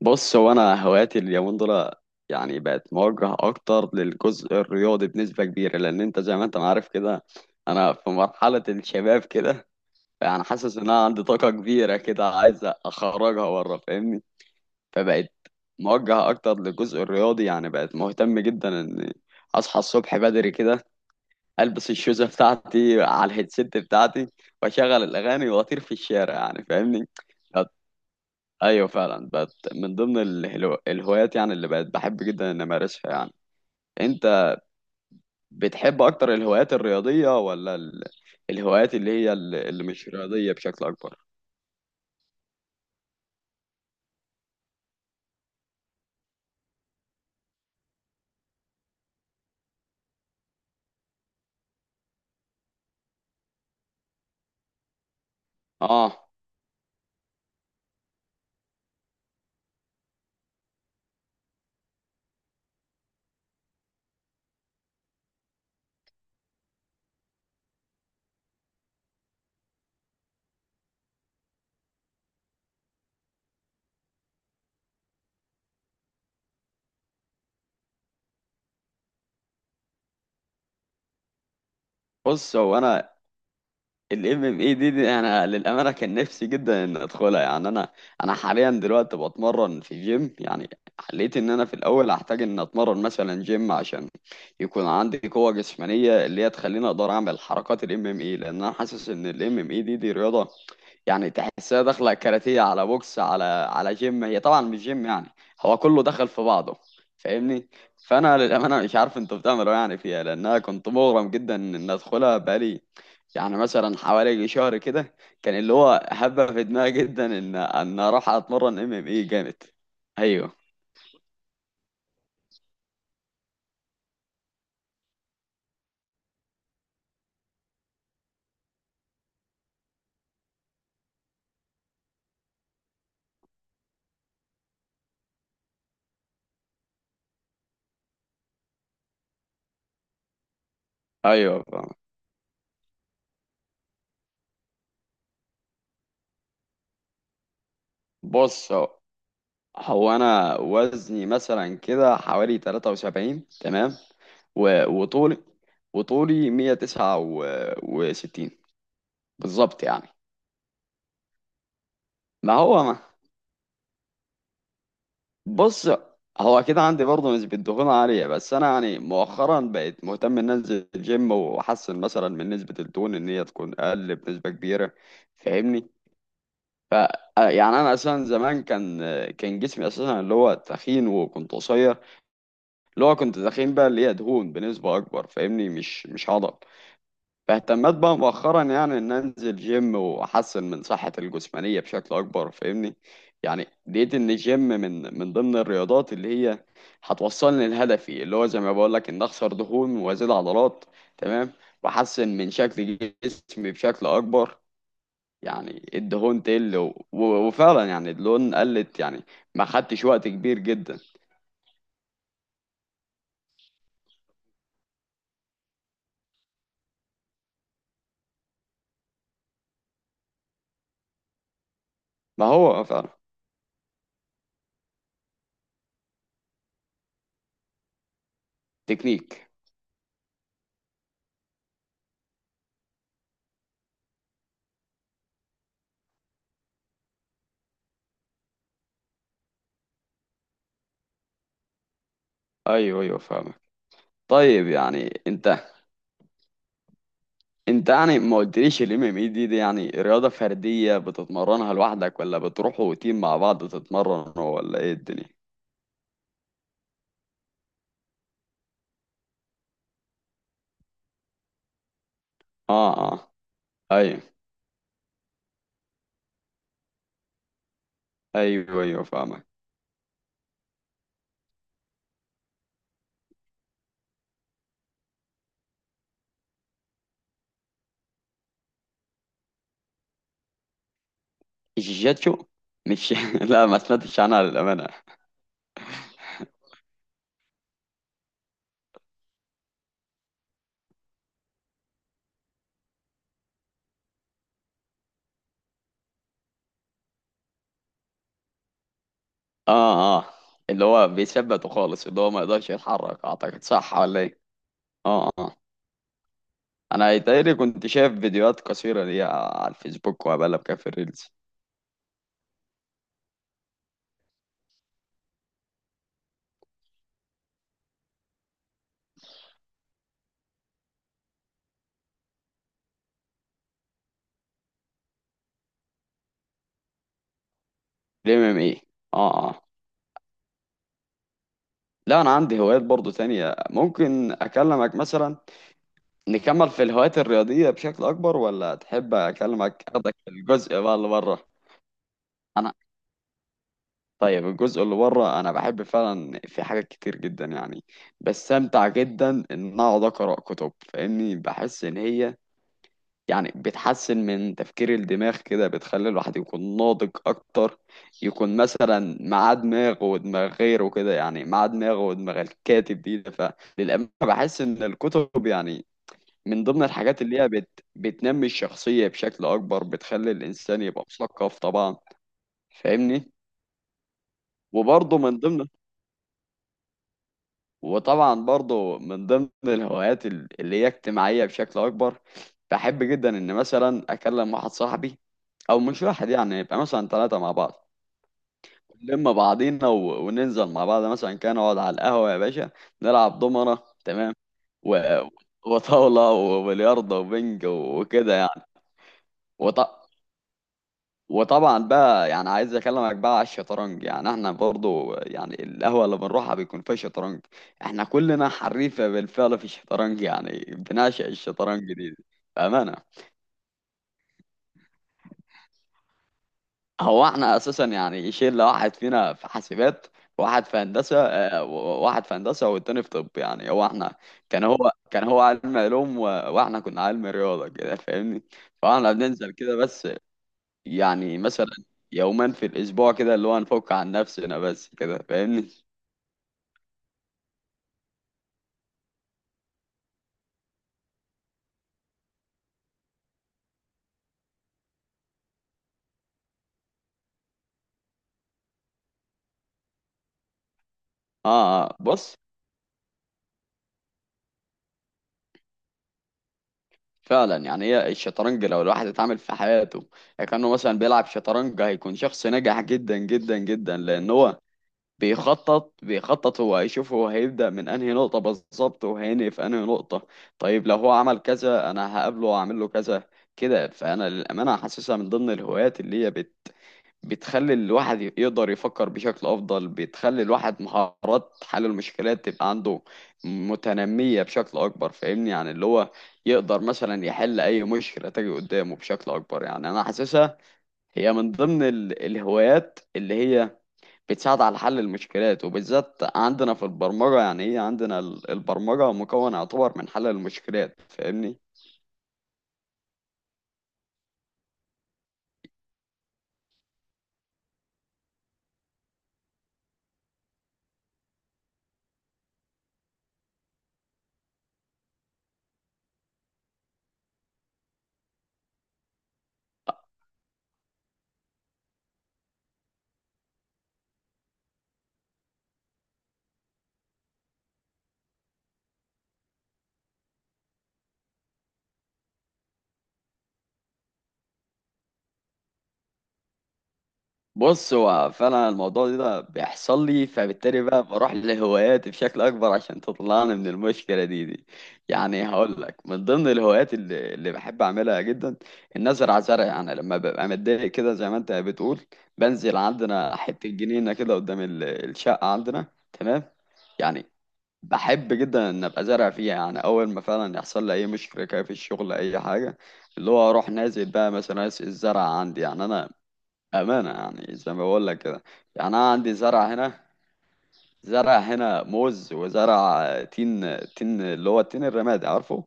بص هو انا هواياتي اليومين دول يعني بقت موجهه اكتر للجزء الرياضي بنسبه كبيره لان انت زي ما انت عارف كده. انا في مرحله الشباب كده يعني حاسس ان انا عندي طاقه كبيره كده عايز اخرجها بره فاهمني. فبقت موجهه اكتر للجزء الرياضي يعني بقت مهتم جدا ان اصحى الصبح بدري كده البس الشوزه بتاعتي على الهيدسيت بتاعتي واشغل الاغاني واطير في الشارع يعني فاهمني. ايوه فعلا بقت من ضمن الهوايات يعني اللي بقت بحب جدا ان امارسها يعني. انت بتحب اكتر الهوايات الرياضيه ولا الهوايات اللي هي اللي مش رياضيه بشكل اكبر؟ اه بص هو انا ال MMA دي انا للامانه كان نفسي جدا ان ادخلها يعني انا. انا حاليا دلوقتي بتمرن في جيم يعني. حليت ان انا في الاول هحتاج ان اتمرن مثلا جيم عشان يكون عندي قوه جسمانيه اللي هي تخليني اقدر اعمل حركات ال MMA، لان انا حاسس ان ال MMA دي رياضه يعني تحسها داخله كاراتيه على بوكس على جيم، هي طبعا مش جيم يعني. هو كله دخل في بعضه فاهمني. فانا للامانه مش عارف انتوا بتعملوا إيه يعني فيها لان انا كنت مغرم جدا ان ادخلها بقالي يعني مثلا حوالي شهر كده. كان اللي هو حابه في دماغي جدا ان اروح اتمرن MMA جامد. ايوه ايوه فاهم. بص هو انا وزني مثلا كده حوالي 73 تمام. و- وطولي وطولي 169 بالظبط يعني. ما هو بص هو اكيد عندي برضه نسبة دهون عالية بس انا يعني مؤخرا بقيت مهتم ان انزل الجيم واحسن مثلا من نسبة الدهون ان هي تكون اقل بنسبة كبيرة فاهمني. ف يعني انا اساسا زمان كان كان جسمي اساسا اللي هو تخين وكنت قصير. اللي هو كنت تخين بقى اللي هي دهون بنسبة اكبر فاهمني، مش عضل. فاهتمت بقى مؤخرا يعني ان انزل جيم واحسن من صحتي الجسمانيه بشكل اكبر فاهمني. يعني لقيت ان الجيم من ضمن الرياضات اللي هي هتوصلني لهدفي اللي هو زي ما بقول لك ان اخسر دهون وازيد عضلات تمام واحسن من شكل جسمي بشكل اكبر. يعني الدهون تقل وفعلا يعني الدهون قلت يعني ما خدتش وقت كبير جدا. ما هو فعلا. تكنيك. ايوه ايوه فاهمك. طيب يعني انت يعني ما قلتليش الام ام اي دي يعني رياضة فردية بتتمرنها لوحدك ولا بتروحوا تيم مع بعض تتمرنوا ولا ايه الدنيا؟ اه اه ايوه ايوه ايوه فاهمك. الجيجاتشو مش لا ما سمعتش عنها للأمانة. اه اه اللي هو بيثبته خالص اللي هو ما يقدرش يتحرك اعتقد صح ولا ايه؟ اه اه انا يتهيألي كنت شايف فيديوهات قصيرة ليها على الفيسبوك وبقلب كده في الريلز. الام ام اي. اه اه. لا انا عندي هوايات برضو تانية ممكن اكلمك مثلا. نكمل في الهوايات الرياضية بشكل أكبر ولا تحب أكلمك أخدك في الجزء بقى اللي بره؟ أنا طيب الجزء اللي بره أنا بحب فعلا في حاجات كتير جدا يعني. بستمتع جدا إن أقعد أقرأ كتب فاهمني. بحس إن هي يعني بتحسن من تفكير الدماغ كده بتخلي الواحد يكون ناضج أكتر. يكون مثلا مع دماغ ودماغ غيره كده يعني مع دماغ ودماغ الكاتب دي. فللأمانة بحس إن الكتب يعني من ضمن الحاجات اللي هي بتنمي الشخصية بشكل أكبر بتخلي الإنسان يبقى مثقف طبعا فاهمني. وبرضه من ضمن وطبعا برضه من ضمن الهوايات اللي هي اجتماعية بشكل أكبر. بحب جدا إن مثلا أكلم واحد صاحبي أو مش واحد يعني يبقى مثلا ثلاثة مع بعض. نلم بعضينا وننزل مع بعض مثلا كان أقعد على القهوة يا باشا، نلعب دومنة تمام و... وطاولة وبلياردو وبنج وكده يعني. وط... وطبعا بقى يعني عايز اكلمك بقى على الشطرنج يعني احنا برضو يعني القهوه اللي بنروحها بيكون فيها شطرنج. احنا كلنا حريفه بالفعل في الشطرنج يعني بنعشق الشطرنج دي بامانه. هو احنا اساسا يعني شله واحد فينا في حاسبات واحد في هندسه واحد في هندسه والتاني في طب يعني. هو احنا كان هو علم علوم واحنا كنا علم رياضه كده فاهمني. فاحنا بننزل كده بس يعني مثلا يوما في الأسبوع كده اللي هو نفك عن نفسنا بس كده فاهمني. اه بص فعلا يعني هي الشطرنج لو الواحد اتعامل في حياته كأنه مثلا بيلعب شطرنج هيكون شخص ناجح جدا جدا جدا لأن هو بيخطط بيخطط هو هيبدأ من أنهي نقطة بالظبط وهينهي في أنهي نقطة. طيب لو هو عمل كذا أنا هقابله وأعمل له كذا كده. فأنا للأمانة حاسسها من ضمن الهوايات اللي هي بتخلي الواحد يقدر يفكر بشكل أفضل، بتخلي الواحد مهارات حل المشكلات تبقى عنده متنمية بشكل أكبر فاهمني. يعني اللي هو يقدر مثلا يحل أي مشكلة تجي قدامه بشكل أكبر يعني أنا حاسسها هي من ضمن الهوايات اللي هي بتساعد على حل المشكلات، وبالذات عندنا في البرمجة يعني هي عندنا البرمجة مكون يعتبر من حل المشكلات فاهمني. بص هو فعلا الموضوع ده بيحصل لي فبالتالي بقى بروح لهواياتي بشكل اكبر عشان تطلعني من المشكله دي. يعني هقول لك من ضمن الهوايات اللي بحب اعملها جدا ان ازرع زرع يعني. لما ببقى متضايق كده زي ما انت بتقول بنزل عندنا حته جنينه كده قدام الشقه عندنا تمام. يعني بحب جدا ان ابقى زارع فيها يعني اول ما فعلا يحصل لي اي مشكله كده في الشغل اي حاجه اللي هو اروح نازل بقى مثلا الزرع عندي يعني انا أمانة يعني زي ما بقول لك كده. يعني أنا عندي زرع هنا زرع هنا موز وزرع تين تين اللي هو التين الرمادي عارفه،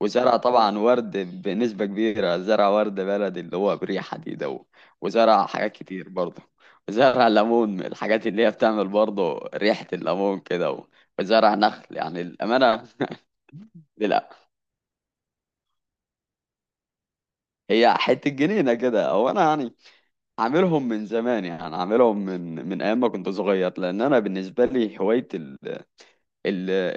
وزرع طبعا ورد بنسبة كبيرة زرع ورد بلدي اللي هو بريحة دي ده، وزرع حاجات كتير برضه، وزرع ليمون من الحاجات اللي هي بتعمل برضه ريحة الليمون كده وزرع نخل يعني الأمانة. لا هي حتة جنينة كده أو أنا يعني عاملهم من زمان يعني عاملهم من أيام ما كنت صغير لأن أنا بالنسبة لي هواية ال-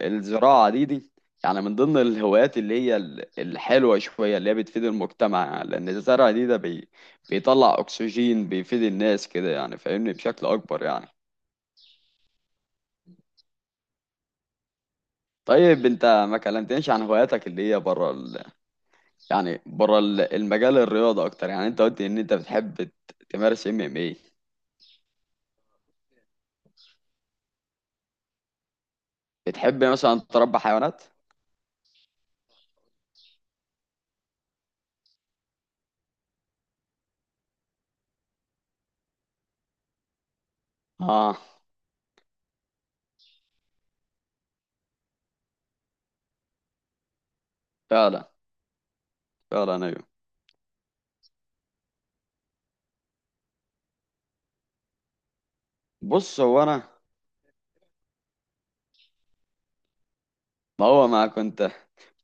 الزراعة دي يعني من ضمن الهوايات اللي هي الحلوة شوية اللي هي بتفيد المجتمع لأن الزرع ده بيطلع أكسجين بيفيد الناس كده يعني فاهمني بشكل أكبر يعني. طيب أنت ما كلمتنيش عن هواياتك اللي هي بره يعني بره المجال الرياضة أكتر. يعني أنت قلت إن أنت بتحب تمارس MMA. بتحب مثلا تربي حيوانات؟ آه فعلا فعلا أيوه. بص هو أنا ما هو ما كنت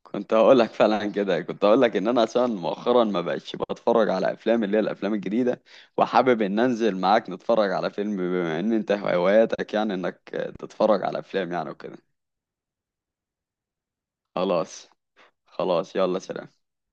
كنت هقول لك فعلا كده كنت هقول لك ان انا عشان مؤخرا ما بقتش بتفرج على افلام اللي هي الافلام الجديده وحابب ان انزل معاك نتفرج على فيلم بما ان انت هواياتك يعني انك تتفرج على افلام يعني وكده. خلاص خلاص يلا سلام.